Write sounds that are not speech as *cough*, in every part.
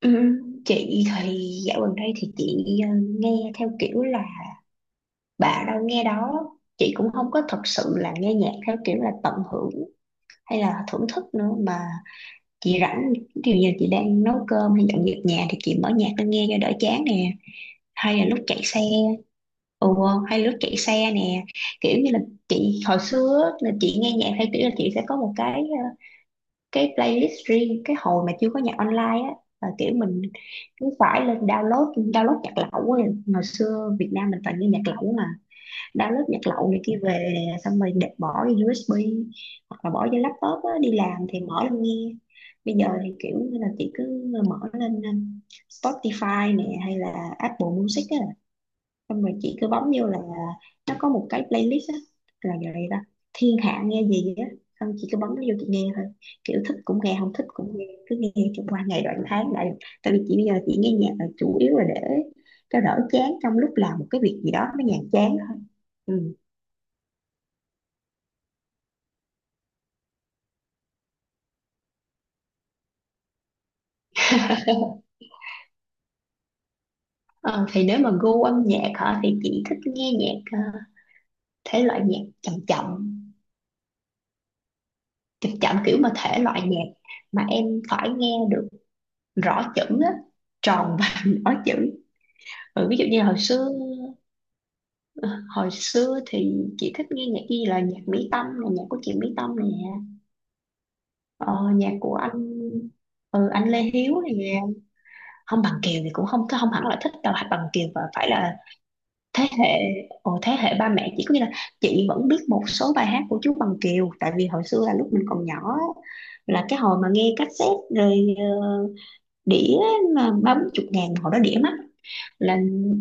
Ừ, chị thì dạo gần đây thì chị nghe theo kiểu là bà đâu nghe đó. Chị cũng không có thật sự là nghe nhạc theo kiểu là tận hưởng hay là thưởng thức nữa mà chị rảnh, ví dụ như chị đang nấu cơm hay dọn dẹp nhà thì chị mở nhạc lên nghe cho đỡ chán nè, hay là lúc chạy xe. Ừ, hay lúc chạy xe nè, kiểu như là chị hồi xưa á, là chị nghe nhạc theo kiểu là chị sẽ có một cái cái playlist riêng, cái hồi mà chưa có nhạc online á, là kiểu mình cứ phải lên download download nhạc lậu á. Ngày xưa Việt Nam mình toàn nghe nhạc lậu mà, download nhạc lậu này kia về xong rồi để bỏ vô USB hoặc là bỏ vô laptop á, đi làm thì mở lên nghe. Bây giờ thì kiểu như là chị cứ mở lên Spotify nè hay là Apple Music á, xong rồi chị cứ bấm vô là nó có một cái playlist á, là vậy đó, thiên hạ nghe gì á, xong chị cứ bấm nó vô chị nghe thôi, kiểu thích cũng nghe không thích cũng nghe, cứ nghe cho qua ngày đoạn tháng lại. Tại vì chị bây giờ chị nghe nhạc là chủ yếu là để cho đỡ chán trong lúc làm một cái việc gì đó nó nhàm chán thôi. Ừ. *laughs* Ờ, thì nếu mà gu âm nhạc hả thì chị thích nghe nhạc thể loại nhạc chậm chậm, chậm chậm, kiểu mà thể loại nhạc mà em phải nghe được rõ chữ á, tròn và *laughs* rõ chữ. Ừ, ví dụ như hồi xưa, ờ, hồi xưa thì chị thích nghe nhạc gì là nhạc Mỹ Tâm, là nhạc của chị Mỹ Tâm nè. Ờ, nhạc của anh, anh Lê Hiếu nè. Không Bằng Kiều thì cũng không không hẳn là thích đâu, hay Bằng Kiều và phải là thế hệ. Ồ, thế hệ ba mẹ chỉ, có nghĩa là chị vẫn biết một số bài hát của chú Bằng Kiều, tại vì hồi xưa là lúc mình còn nhỏ á, là cái hồi mà nghe cassette rồi ờ, đĩa, mà ba bốn chục ngàn hồi đó đĩa mắc, là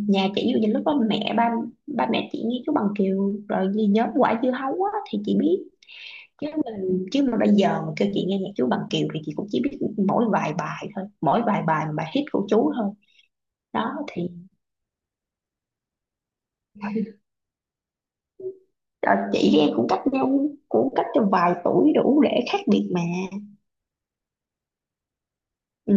nhà chị ví dụ như lúc đó mẹ ba, ba mẹ chị như chú Bằng Kiều rồi gì nhóm Quả Dưa Hấu á, thì chị biết. Chứ mình, chứ mà bây giờ mà kêu chị nghe nhạc chú Bằng Kiều thì chị cũng chỉ biết mỗi vài bài thôi, mỗi vài bài mà bài hit của chú thôi. Đó thì chị với em cũng cách nhau, cũng cách cho vài tuổi đủ để khác biệt mà. Ừ.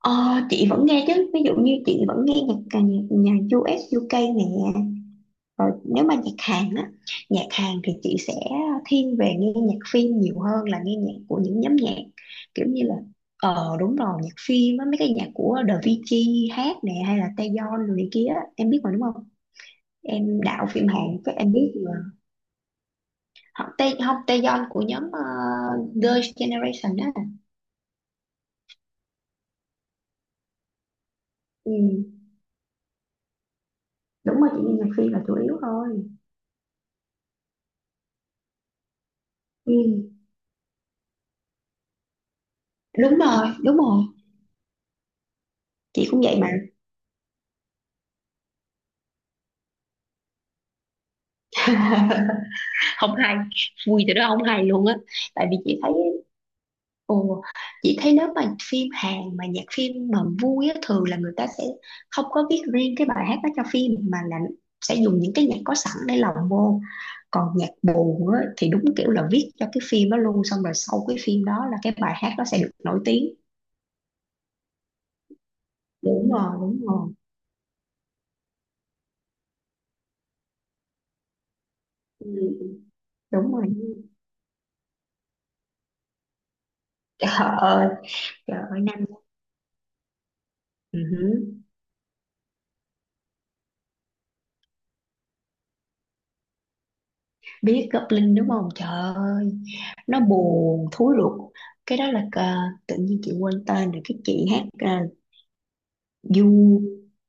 Ờ, chị vẫn nghe chứ, ví dụ như chị vẫn nghe nhạc nhà u, nhạc u UK nè. Rồi, nếu mà nhạc Hàn á, nhạc Hàn thì chị sẽ thiên về nghe nhạc phim nhiều hơn là nghe nhạc của những nhóm nhạc, kiểu như là, ờ đúng rồi, nhạc phim á, mấy cái nhạc của The VG hát nè hay là Taeyeon rồi này kia á. Em biết mà đúng không? Em đạo phim Hàn chắc em biết mà, họ Tae không, Taeyeon của nhóm Girls' Generation á. Ừ. Đúng rồi, chị nghe nhạc phim là chủ yếu thôi. Ừ. Đúng rồi đúng rồi, chị cũng vậy mà. *laughs* Không hay, vui từ đó không hay luôn á. Tại vì chị thấy, ồ, chị thấy nếu mà phim Hàn mà nhạc phim mà vui á, thường là người ta sẽ không có viết riêng cái bài hát đó cho phim, mà là sẽ dùng những cái nhạc có sẵn để lồng vô. Còn nhạc buồn á, thì đúng kiểu là viết cho cái phim đó luôn, xong rồi sau cái phim đó là cái bài hát đó sẽ được nổi tiếng. Đúng rồi, đúng rồi. Ừ, đúng rồi. Trời ơi, trời ơi Nam. Ừ, hử. Biết Goblin đúng không? Trời ơi, nó buồn thúi ruột. Cái đó là, tự nhiên chị quên tên rồi, cái chị hát You.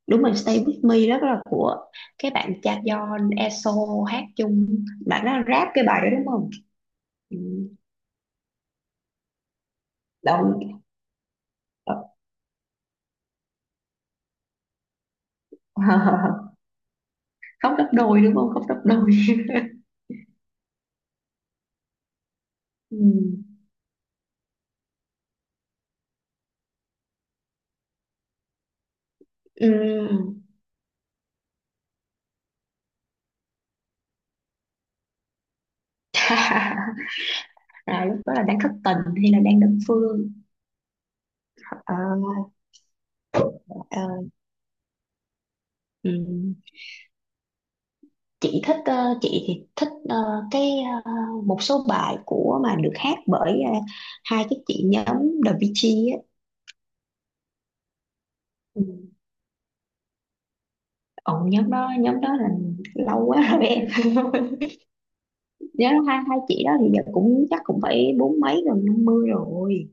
Đúng rồi, Stay With Me đó, là của cái bạn cha John Esso hát, chung bạn nó rap cái bài đó đúng không? Ừ, đâu. *laughs* Khóc gấp đôi đúng không, khóc gấp đôi. *laughs* ừ. Ừ. *laughs* À, lúc đó là đang thất tình hay là đang đơn phương? Ờ, ờ, ừ. Chị thích chị thì thích cái, ờ, một số bài của mà được hát bởi hai cái chị nhóm The Beatles á. Ừ. Ồ, nhóm đó, nhóm đó là lâu quá rồi em *laughs* nhớ, hai hai chị đó thì giờ cũng chắc cũng phải bốn mấy gần năm mươi rồi.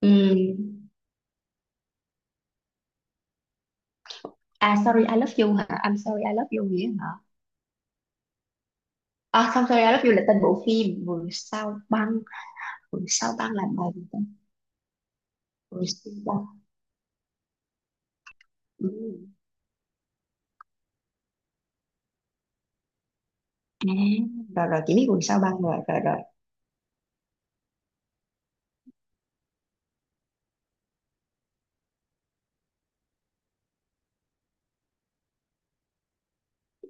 Ừ. À sorry I love you hả, I'm sorry I love you nghĩa hả? À không, sorry I love you là tên bộ phim Vườn Sao Băng. Vườn Sao Băng là bài gì ta? Vườn Sao Băng. Ừ. À, rồi rồi chị biết Vườn Sao Băng rồi rồi rồi.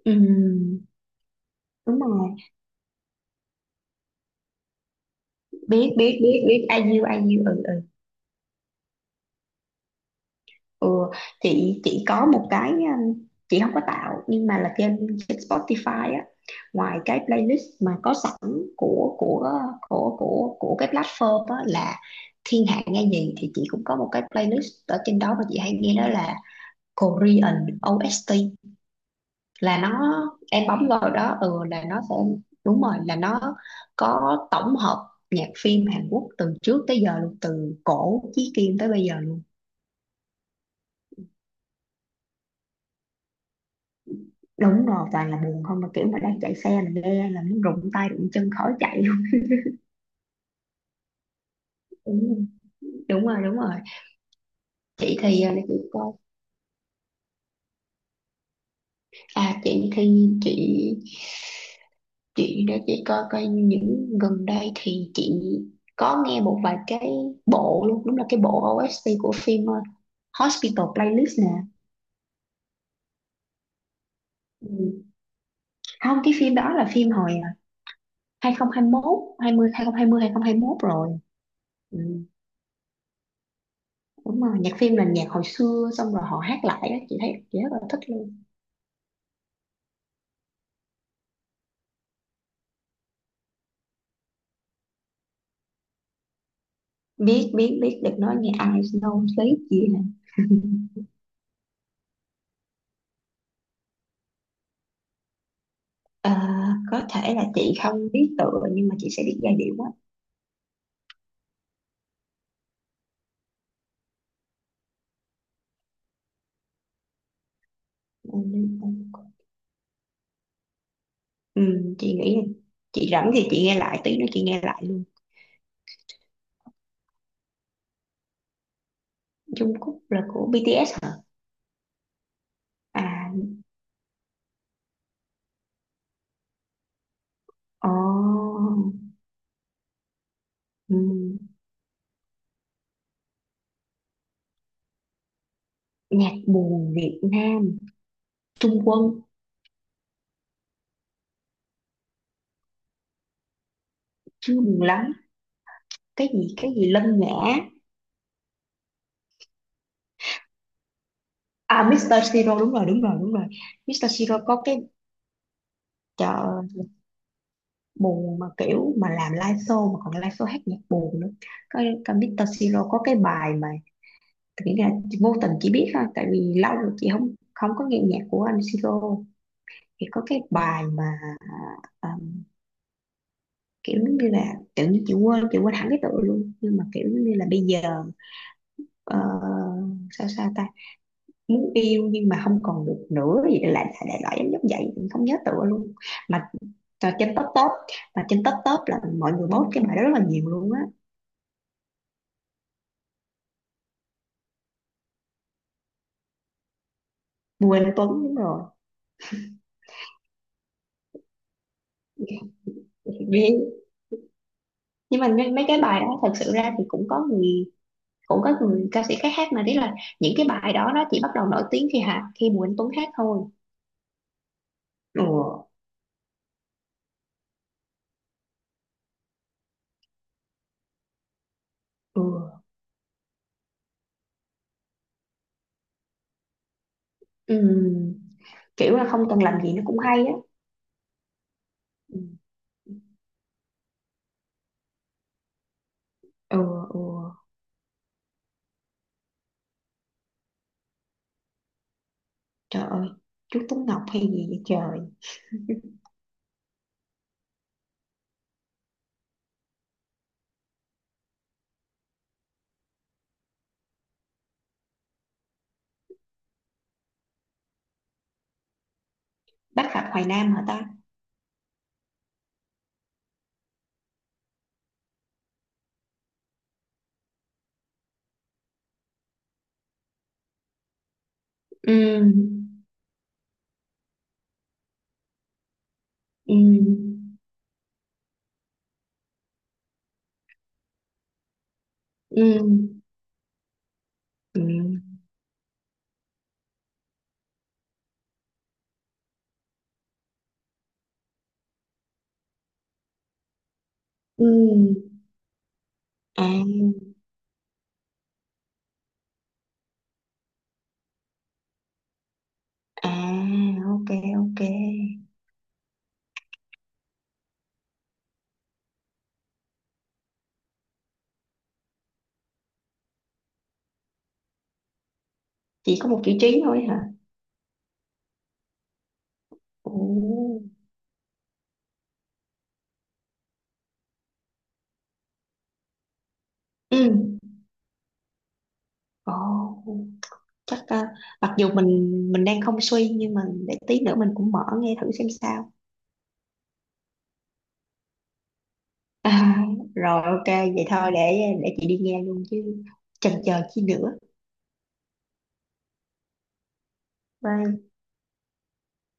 Ừ. Đúng rồi. Biết biết biết biết, I you, I you, ừ ừ. Ừ, chị có một cái chị không có tạo nhưng mà là trên trên Spotify á, ngoài cái playlist mà có sẵn của của của cái platform á, là thiên hạ nghe gì, thì chị cũng có một cái playlist ở trên đó mà chị hay nghe, đó là Korean OST. Là nó, em bấm vào đó ừ là nó sẽ, đúng rồi là nó có tổng hợp nhạc phim Hàn Quốc từ trước tới giờ luôn, từ cổ chí kim tới bây giờ. Đúng rồi, toàn là buồn không, mà kiểu mà đang chạy xe mà nghe là muốn rụng tay rụng chân khỏi chạy luôn. Đúng, đúng rồi đúng rồi. Chị thì để chị coi. À chị thì chị để chị coi coi, những gần đây thì chị có nghe một vài cái bộ luôn, đúng là cái bộ OST của phim Hospital Playlist nè. Ừ. Không, cái phim đó là phim hồi 2021, 20 2020 2021 rồi. Ừ. Đúng rồi, nhạc phim là nhạc hồi xưa xong rồi họ hát lại á, chị thấy chị rất là thích luôn. Biết biết biết, được nói nghe ai snow sleep gì hả. *laughs* Ờ, có thể là chị không biết tựa nhưng mà chị sẽ biết giai điệu á. Ừ, chị nghĩ là chị rảnh thì chị nghe lại, tí nữa chị nghe lại luôn. Jungkook Cúc là của BTS hả? À, ồ. Ừ, nhạc buồn Việt Nam, Trung Quân chưa buồn lắm. Cái gì cái gì Lân Ngã? À Mr. Siro, đúng rồi đúng rồi đúng rồi. Mr. Siro có cái chợ buồn, mà kiểu mà làm live show, mà còn live show hát nhạc buồn nữa. Có có Mr. Siro có cái bài mà, nghĩ là vô tình chỉ biết thôi, tại vì lâu rồi chị không không có nghe nhạc của anh Siro, thì có cái bài mà à, um, kiểu như là tự nhiên chị quên hẳn cái tựa luôn, nhưng mà kiểu như là bây giờ, ờ, sao sao ta, muốn yêu nhưng mà không còn được nữa gì đó, lại đại loại giống giống vậy, mình không nhớ tựa luôn. Mà trên top top, mà trên top top là mọi người post cái bài đó rất là nhiều luôn á. Bùi Anh Tuấn đúng rồi. Vì- nhưng mà mấy mấy cái bài đó thật sự ra thì cũng có người, ca sĩ khác hát, mà đấy là những cái bài đó nó chỉ bắt đầu nổi tiếng khi Bùi Anh Tuấn hát thôi. Ừ, ừ. Ừm, kiểu là không cần làm gì nó cũng hay á. Ừ, ừ. Ừ. Trời ơi, chú Tuấn Ngọc hay gì vậy trời. Bác Phạm Hoài Nam hả ta? Ừm, ừm, ừm, ừm, ừm. À, à, ok, ok, chỉ có một chữ Trí thôi hả? Ồ. Ừ. Ồ. Chắc mặc dù mình đang không suy nhưng mà để tí nữa mình cũng mở nghe thử xem sao. À, rồi ok, vậy thôi để chị đi nghe luôn chứ, chần chờ chi nữa. Bye.